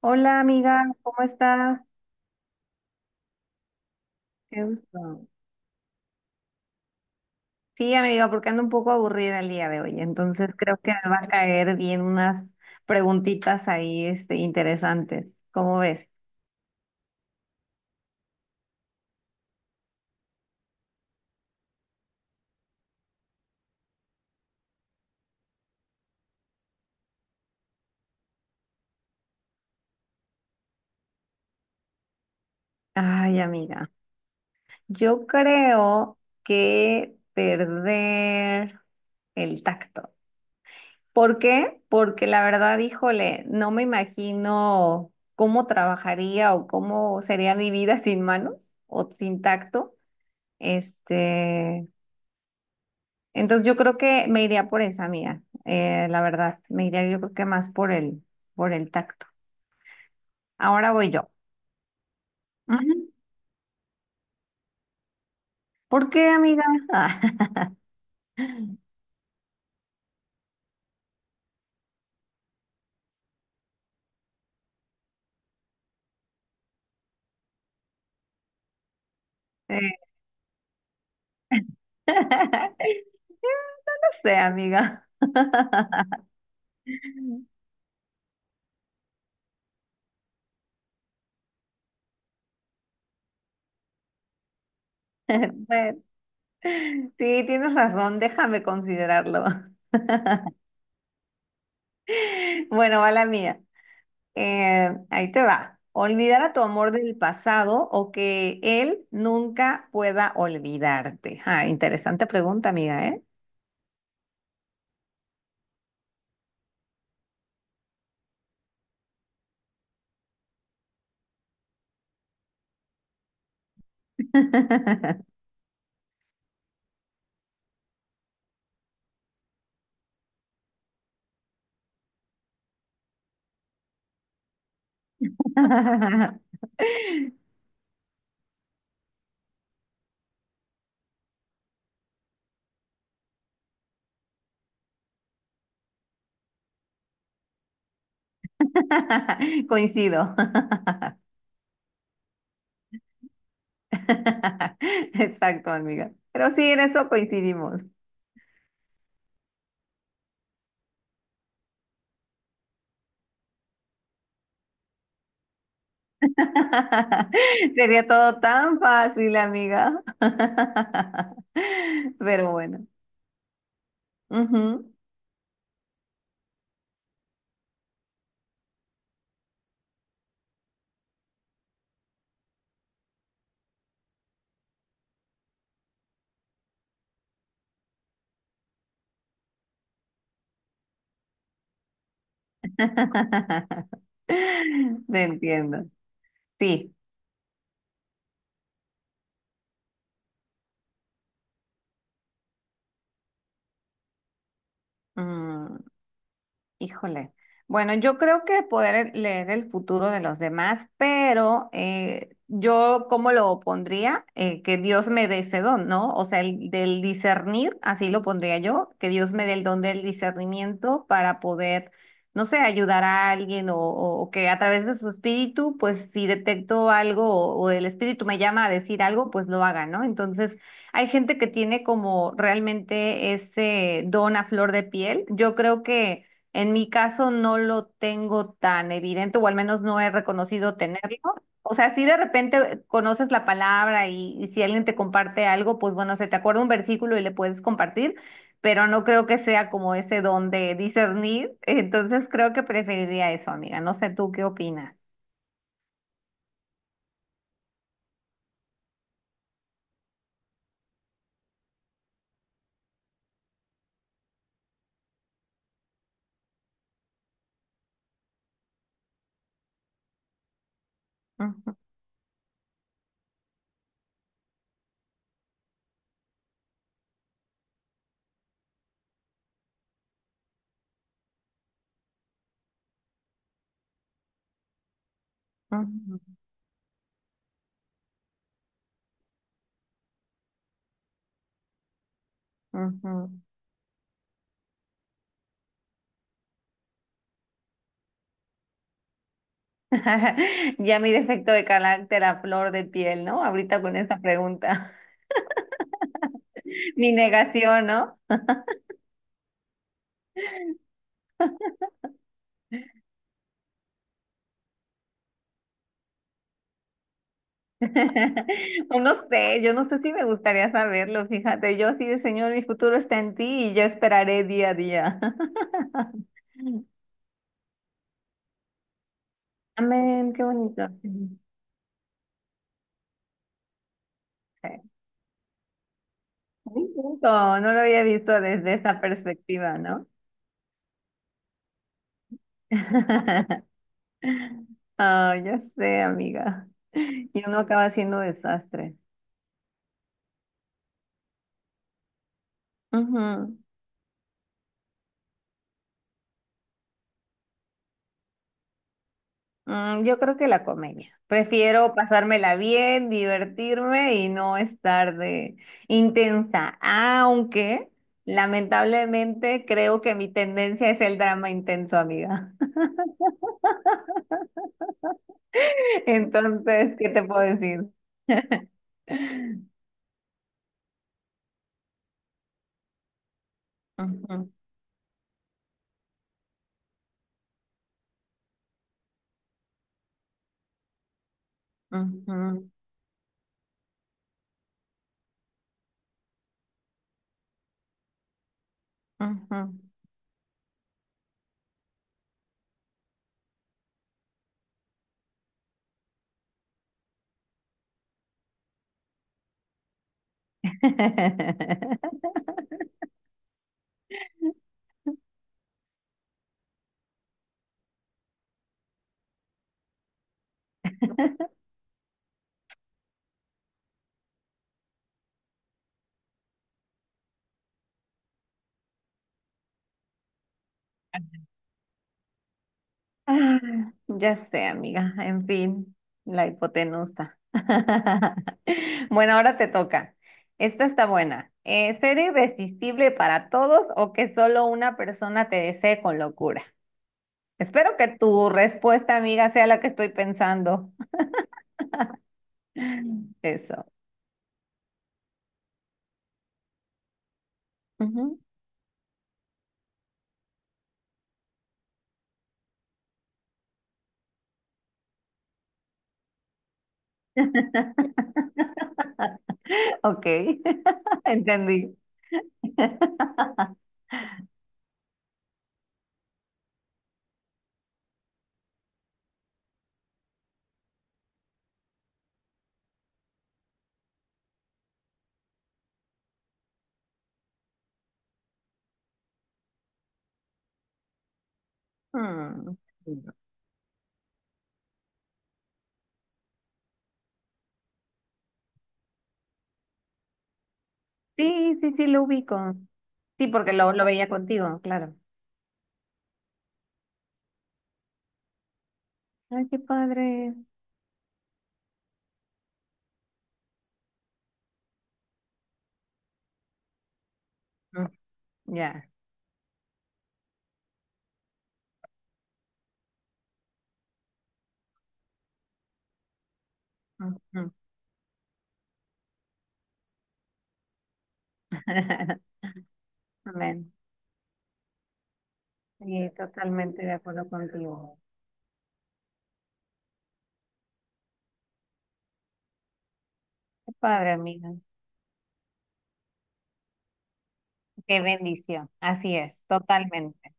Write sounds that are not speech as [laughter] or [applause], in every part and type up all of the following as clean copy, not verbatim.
Hola amiga, ¿cómo estás? Qué gusto. Sí, amiga, porque ando un poco aburrida el día de hoy, entonces creo que me va a caer bien unas preguntitas ahí, interesantes. ¿Cómo ves? Ay, amiga, yo creo que perder el tacto. ¿Por qué? Porque la verdad, híjole, no me imagino cómo trabajaría o cómo sería mi vida [laughs] sin manos o sin tacto. Este, Entonces yo creo que me iría por esa mía, la verdad, me iría yo creo que más por por el tacto. Ahora voy yo. Ujú. ¿Por qué, amiga? Ah, [laughs] eh, [laughs] No sé, amiga. [laughs] Bueno, sí, tienes razón, déjame considerarlo. [laughs] Bueno, va la mía. Ahí te va. Olvidar a tu amor del pasado o que él nunca pueda olvidarte. Ah, interesante pregunta, amiga, ¿eh? [laughs] [laughs] Coincido. [laughs] Exacto, amiga. Pero sí, en eso coincidimos. [laughs] Sería todo tan fácil, amiga. [laughs] Pero bueno. Ujú. [laughs] Te entiendo. Sí. Mm, híjole. Bueno, yo creo que poder leer el futuro de los demás, pero yo, ¿cómo lo pondría? Que Dios me dé ese don, ¿no? O sea, el del discernir, así lo pondría yo, que Dios me dé el don del discernimiento para poder, no sé, ayudar a alguien o que a través de su espíritu, pues si detecto algo o el espíritu me llama a decir algo, pues lo haga, ¿no? Entonces, hay gente que tiene como realmente ese don a flor de piel. Yo creo que... En mi caso no lo tengo tan evidente, o al menos no he reconocido tenerlo. O sea, si de repente conoces la palabra y si alguien te comparte algo, pues bueno, se te acuerda un versículo y le puedes compartir, pero no creo que sea como ese don de discernir. [laughs] Entonces creo que preferiría eso, amiga. No sé tú qué opinas. Ujú, ujú, ujú. [laughs] Ya mi defecto de carácter a flor de piel, ¿no? Ahorita con esta pregunta. [laughs] Mi negación, ¿no? [laughs] O no sé, yo no sé si me gustaría saberlo, fíjate, yo sí de Señor, mi futuro está en ti y yo esperaré día a día. [laughs] Amén, qué bonito. Sí. Muy bonito, no lo había visto desde esa perspectiva, ¿no? [laughs] Ah, ya sé, amiga. Y uno acaba siendo desastre. Ujú. Mm, yo creo que la comedia. Prefiero pasármela bien, divertirme y no estar de intensa. Aunque, lamentablemente, creo que mi tendencia es el drama intenso, amiga. [laughs] Entonces, ¿qué te puedo decir? [laughs] Ujú, ujú, ujú. [laughs] Ah, ya sé, amiga. En fin, la hipotenusa. [laughs] Bueno, ahora te toca. Esta está buena. ¿Ser irresistible para todos o que solo una persona te desee con locura? Espero que tu respuesta, amiga, sea la que estoy pensando. [laughs] Eso. Ujú. [laughs] Ok, [laughs] entendí. Hmm. Sí, sí, sí, lo ubico. Sí, porque lo veía contigo, claro. Ay, qué padre. Mm, ya. Ujú. [laughs] Amén. Sí, totalmente de acuerdo contigo. Qué padre, amiga. Qué bendición. Así es, totalmente.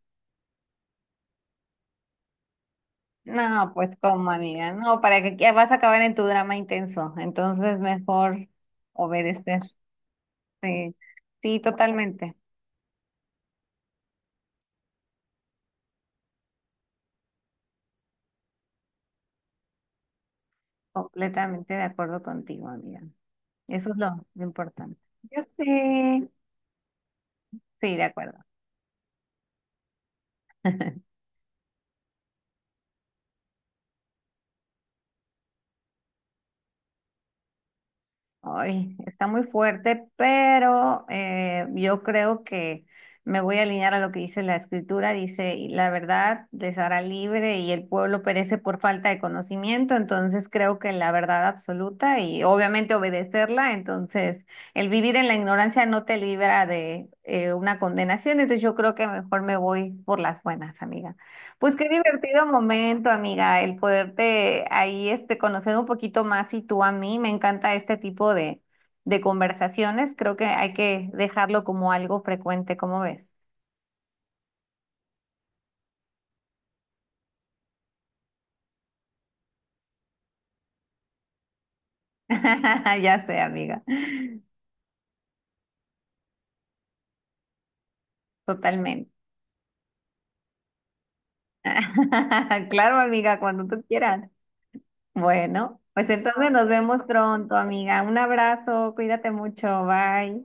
No, pues como amiga, no, para que vas a acabar en tu drama intenso. Entonces, mejor obedecer. Sí, sí, totalmente, completamente de acuerdo contigo, amiga. Eso es lo importante. Yo sé. Sí, de acuerdo. [laughs] Ay, está muy fuerte, pero yo creo que me voy a alinear a lo que dice la escritura. Dice, "Y la verdad les hará libre y el pueblo perece por falta de conocimiento". Entonces creo que la verdad absoluta y obviamente obedecerla. Entonces, el vivir en la ignorancia no te libra de una condenación. Entonces yo creo que mejor me voy por las buenas, amiga. Pues qué divertido momento, amiga, el poderte ahí conocer un poquito más y tú a mí. Me encanta este tipo de conversaciones. Creo que hay que dejarlo como algo frecuente, ¿cómo ves? [laughs] Ya sé, amiga, totalmente. [laughs] Claro, amiga, cuando tú quieras. Bueno, pues entonces nos vemos pronto, amiga. Un abrazo, cuídate mucho, bye.